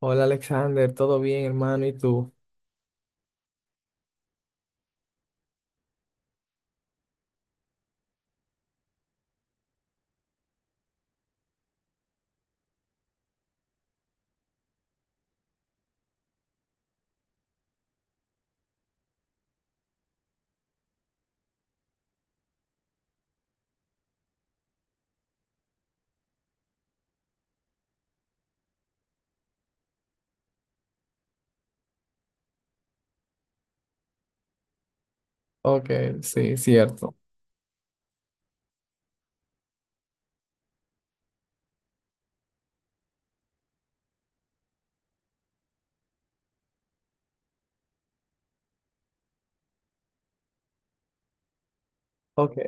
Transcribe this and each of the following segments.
Hola Alexander, ¿todo bien, hermano? ¿Y tú? Ok, sí, cierto. Ok,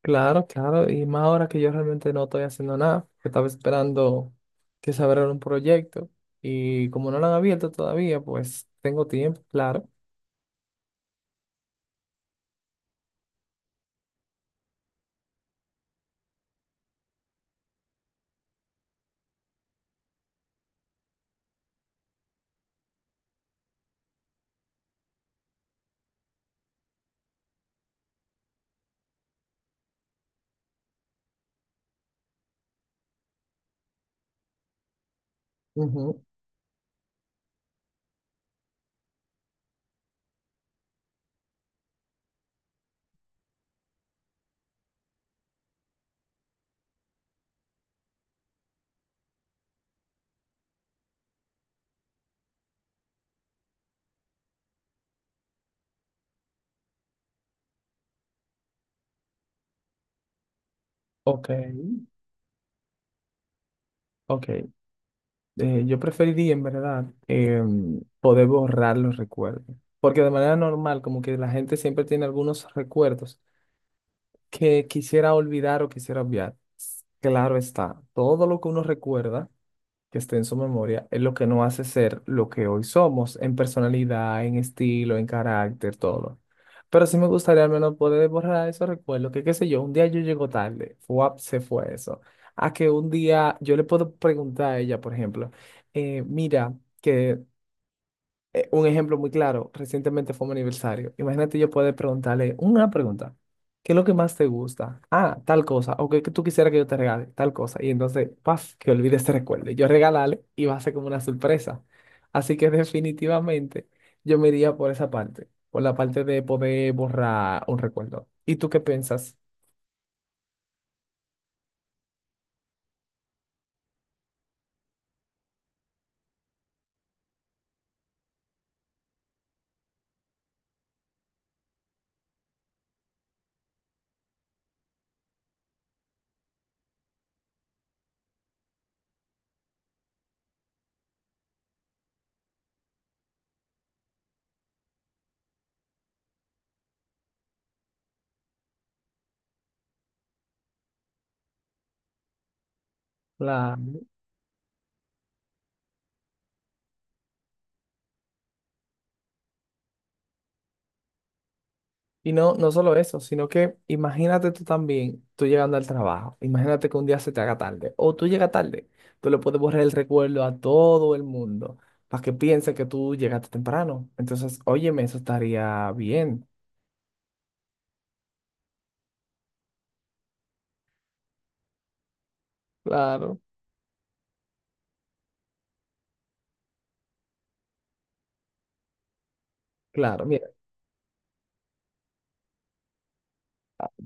claro, claro. Y más ahora que yo realmente no estoy haciendo nada, que estaba esperando que se abriera un proyecto y como no lo han abierto todavía, pues tengo tiempo, claro. Ujú. Ok, ok. Yo preferiría en verdad, poder borrar los recuerdos, porque de manera normal, como que la gente siempre tiene algunos recuerdos que quisiera olvidar o quisiera obviar. Claro está, todo lo que uno recuerda que esté en su memoria, es lo que nos hace ser lo que hoy somos, en personalidad, en estilo, en carácter, todo. Pero sí me gustaría al menos poder borrar esos recuerdos, que qué sé yo, un día yo llego tarde, ¡fuap!, se fue eso. A que un día yo le puedo preguntar a ella, por ejemplo, mira, que un ejemplo muy claro, recientemente fue mi aniversario. Imagínate yo poder preguntarle una pregunta. ¿Qué es lo que más te gusta? Ah, tal cosa. O que tú quisieras que yo te regale, tal cosa. Y entonces, paf, que olvide este recuerdo. Y yo regalarle y va a ser como una sorpresa. Así que definitivamente yo me iría por esa parte, por la parte de poder borrar un recuerdo. ¿Y tú qué piensas? Claro. Y no, no solo eso, sino que imagínate tú también, tú llegando al trabajo, imagínate que un día se te haga tarde, o tú llegas tarde, tú le puedes borrar el recuerdo a todo el mundo para que piense que tú llegaste temprano. Entonces, óyeme, eso estaría bien. Claro, claro.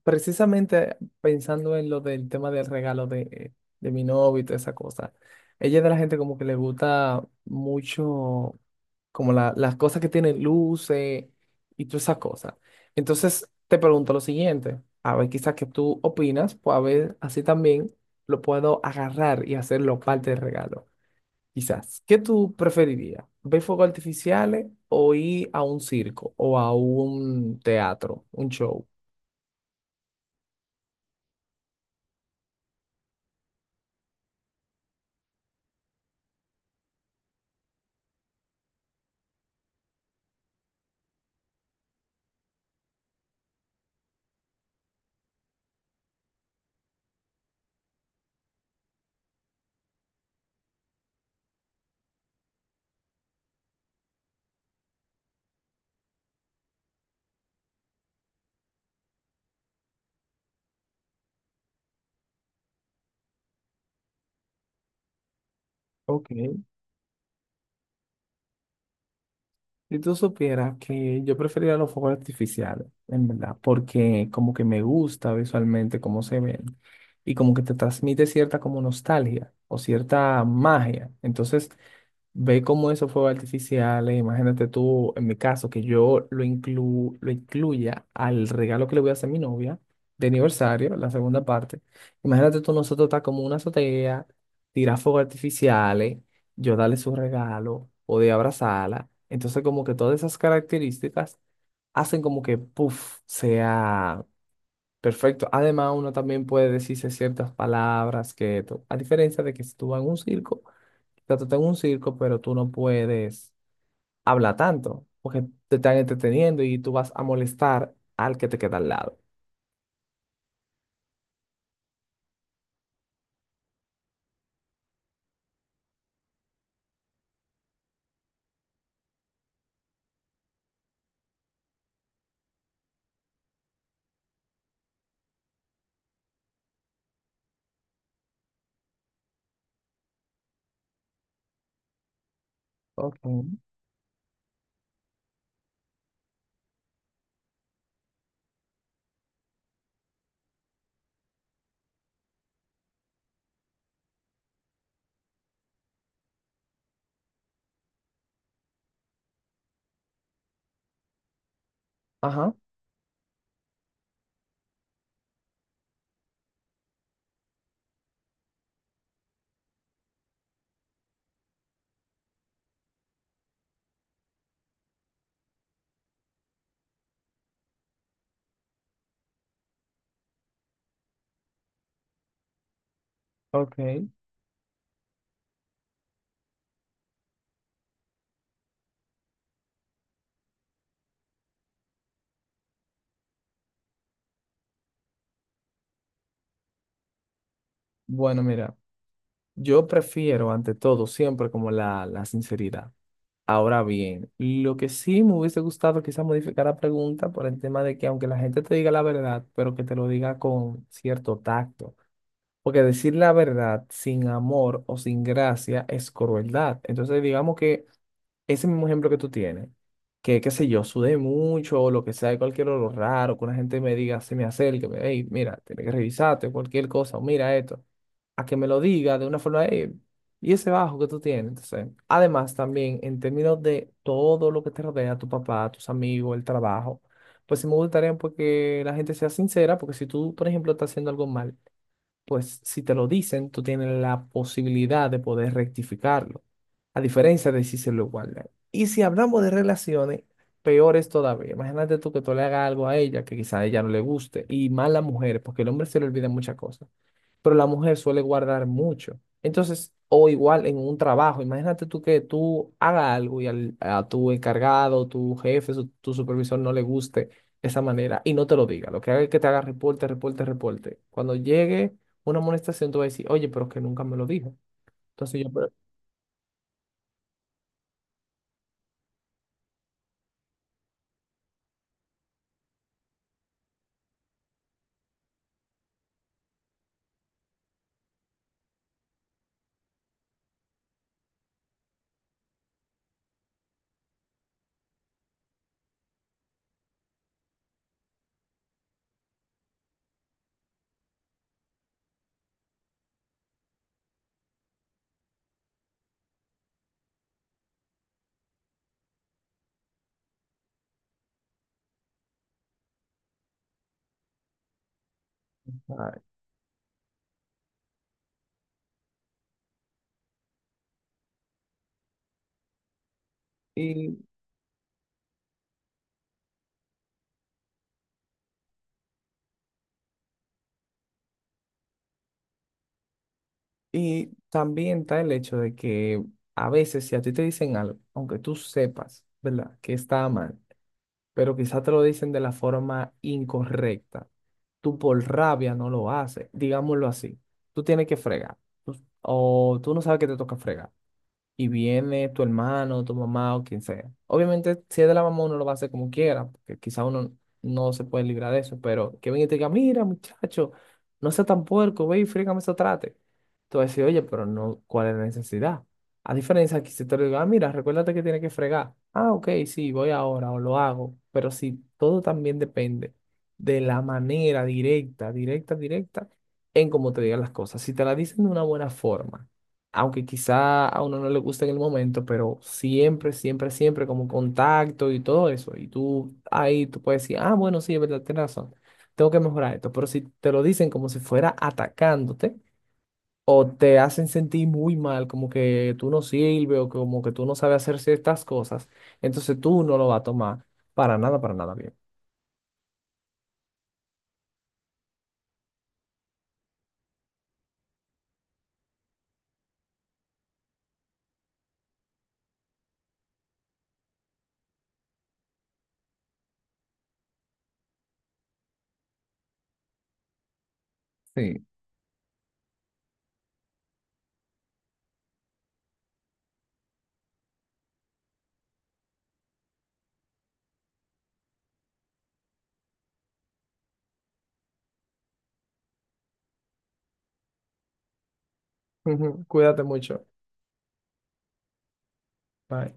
Precisamente pensando en lo del tema del regalo de mi novio y toda esa cosa, ella es de la gente como que le gusta mucho como las cosas que tienen luces y todas esas cosas. Entonces te pregunto lo siguiente, a ver quizás que tú opinas, pues a ver así también lo puedo agarrar y hacerlo parte del regalo. Quizás, ¿qué tú preferirías? ¿Ver fuegos artificiales o ir a un circo o a un teatro, un show? Ok, si tú supieras que yo preferiría los fuegos artificiales, en verdad, porque como que me gusta visualmente cómo se ven y como que te transmite cierta como nostalgia o cierta magia. Entonces, ve cómo esos fuegos artificiales, imagínate tú, en mi caso, que yo lo incluya al regalo que le voy a hacer a mi novia de aniversario, la segunda parte. Imagínate tú, nosotros está como una azotea, tirar fuegos artificiales, yo darle su regalo, poder abrazarla. Entonces, como que todas esas características hacen como que, puff, sea perfecto. Además, uno también puede decirse ciertas palabras que, a diferencia de que si tú vas en un circo, sea, tú estás un circo, pero tú no puedes hablar tanto, porque te están entreteniendo y tú vas a molestar al que te queda al lado. Ok. Ajá, ok. Bueno, mira, yo prefiero ante todo siempre como la sinceridad. Ahora bien, lo que sí me hubiese gustado quizás modificar la pregunta por el tema de que aunque la gente te diga la verdad, pero que te lo diga con cierto tacto. Porque decir la verdad sin amor o sin gracia es crueldad. Entonces, digamos que ese mismo ejemplo que tú tienes, que qué sé yo, sudé mucho o lo que sea, cualquier olor raro, que una gente me diga, se me acerque, hey, mira, tienes que revisarte, cualquier cosa, o mira esto, a que me lo diga de una forma, "Ey, y ese bajo que tú tienes". Entonces, además, también en términos de todo lo que te rodea, tu papá, tus amigos, el trabajo, pues sí me gustaría porque la gente sea sincera, porque si tú, por ejemplo, estás haciendo algo mal, pues si te lo dicen, tú tienes la posibilidad de poder rectificarlo, a diferencia de si se lo guardan. Y si hablamos de relaciones, peor es todavía. Imagínate tú que tú le hagas algo a ella que quizá a ella no le guste, y más a la mujer, porque el hombre se le olvida muchas cosas, pero la mujer suele guardar mucho. Entonces, o igual en un trabajo, imagínate tú que tú hagas algo y a tu encargado, tu jefe, tu supervisor no le guste esa manera y no te lo diga. Lo que haga es que te haga reporte, reporte, reporte. Cuando llegue una amonestación, tú vas a decir, oye, pero es que nunca me lo dijo. Entonces yo, pero, ah, y, y también está el hecho de que a veces si a ti te dicen algo, aunque tú sepas, ¿verdad? Que está mal, pero quizás te lo dicen de la forma incorrecta. Tú por rabia no lo haces, digámoslo así. Tú tienes que fregar tú- o tú no sabes que te toca fregar y viene tu hermano, tu mamá o quien sea. Obviamente, si es de la mamá, uno lo va a hacer como quiera, porque quizá uno no se puede librar de eso, pero que venga y te diga, mira, muchacho, no seas tan puerco, ve y frígame eso trate. Tú vas a decir, oye, pero no, ¿cuál es la necesidad? A diferencia que si te lo digo, ah, mira, recuérdate que tienes que fregar. Ah, ok, sí, voy ahora o lo hago, pero si todo también depende de la manera directa, directa, directa, en cómo te digan las cosas. Si te la dicen de una buena forma, aunque quizá a uno no le guste en el momento, pero siempre, siempre, siempre como contacto y todo eso. Y tú ahí tú puedes decir, ah, bueno, sí, es verdad, tienes razón, tengo que mejorar esto. Pero si te lo dicen como si fuera atacándote o te hacen sentir muy mal, como que tú no sirves o como que tú no sabes hacer ciertas cosas, entonces tú no lo vas a tomar para nada bien. Sí. Ujú, cuídate mucho. Bye.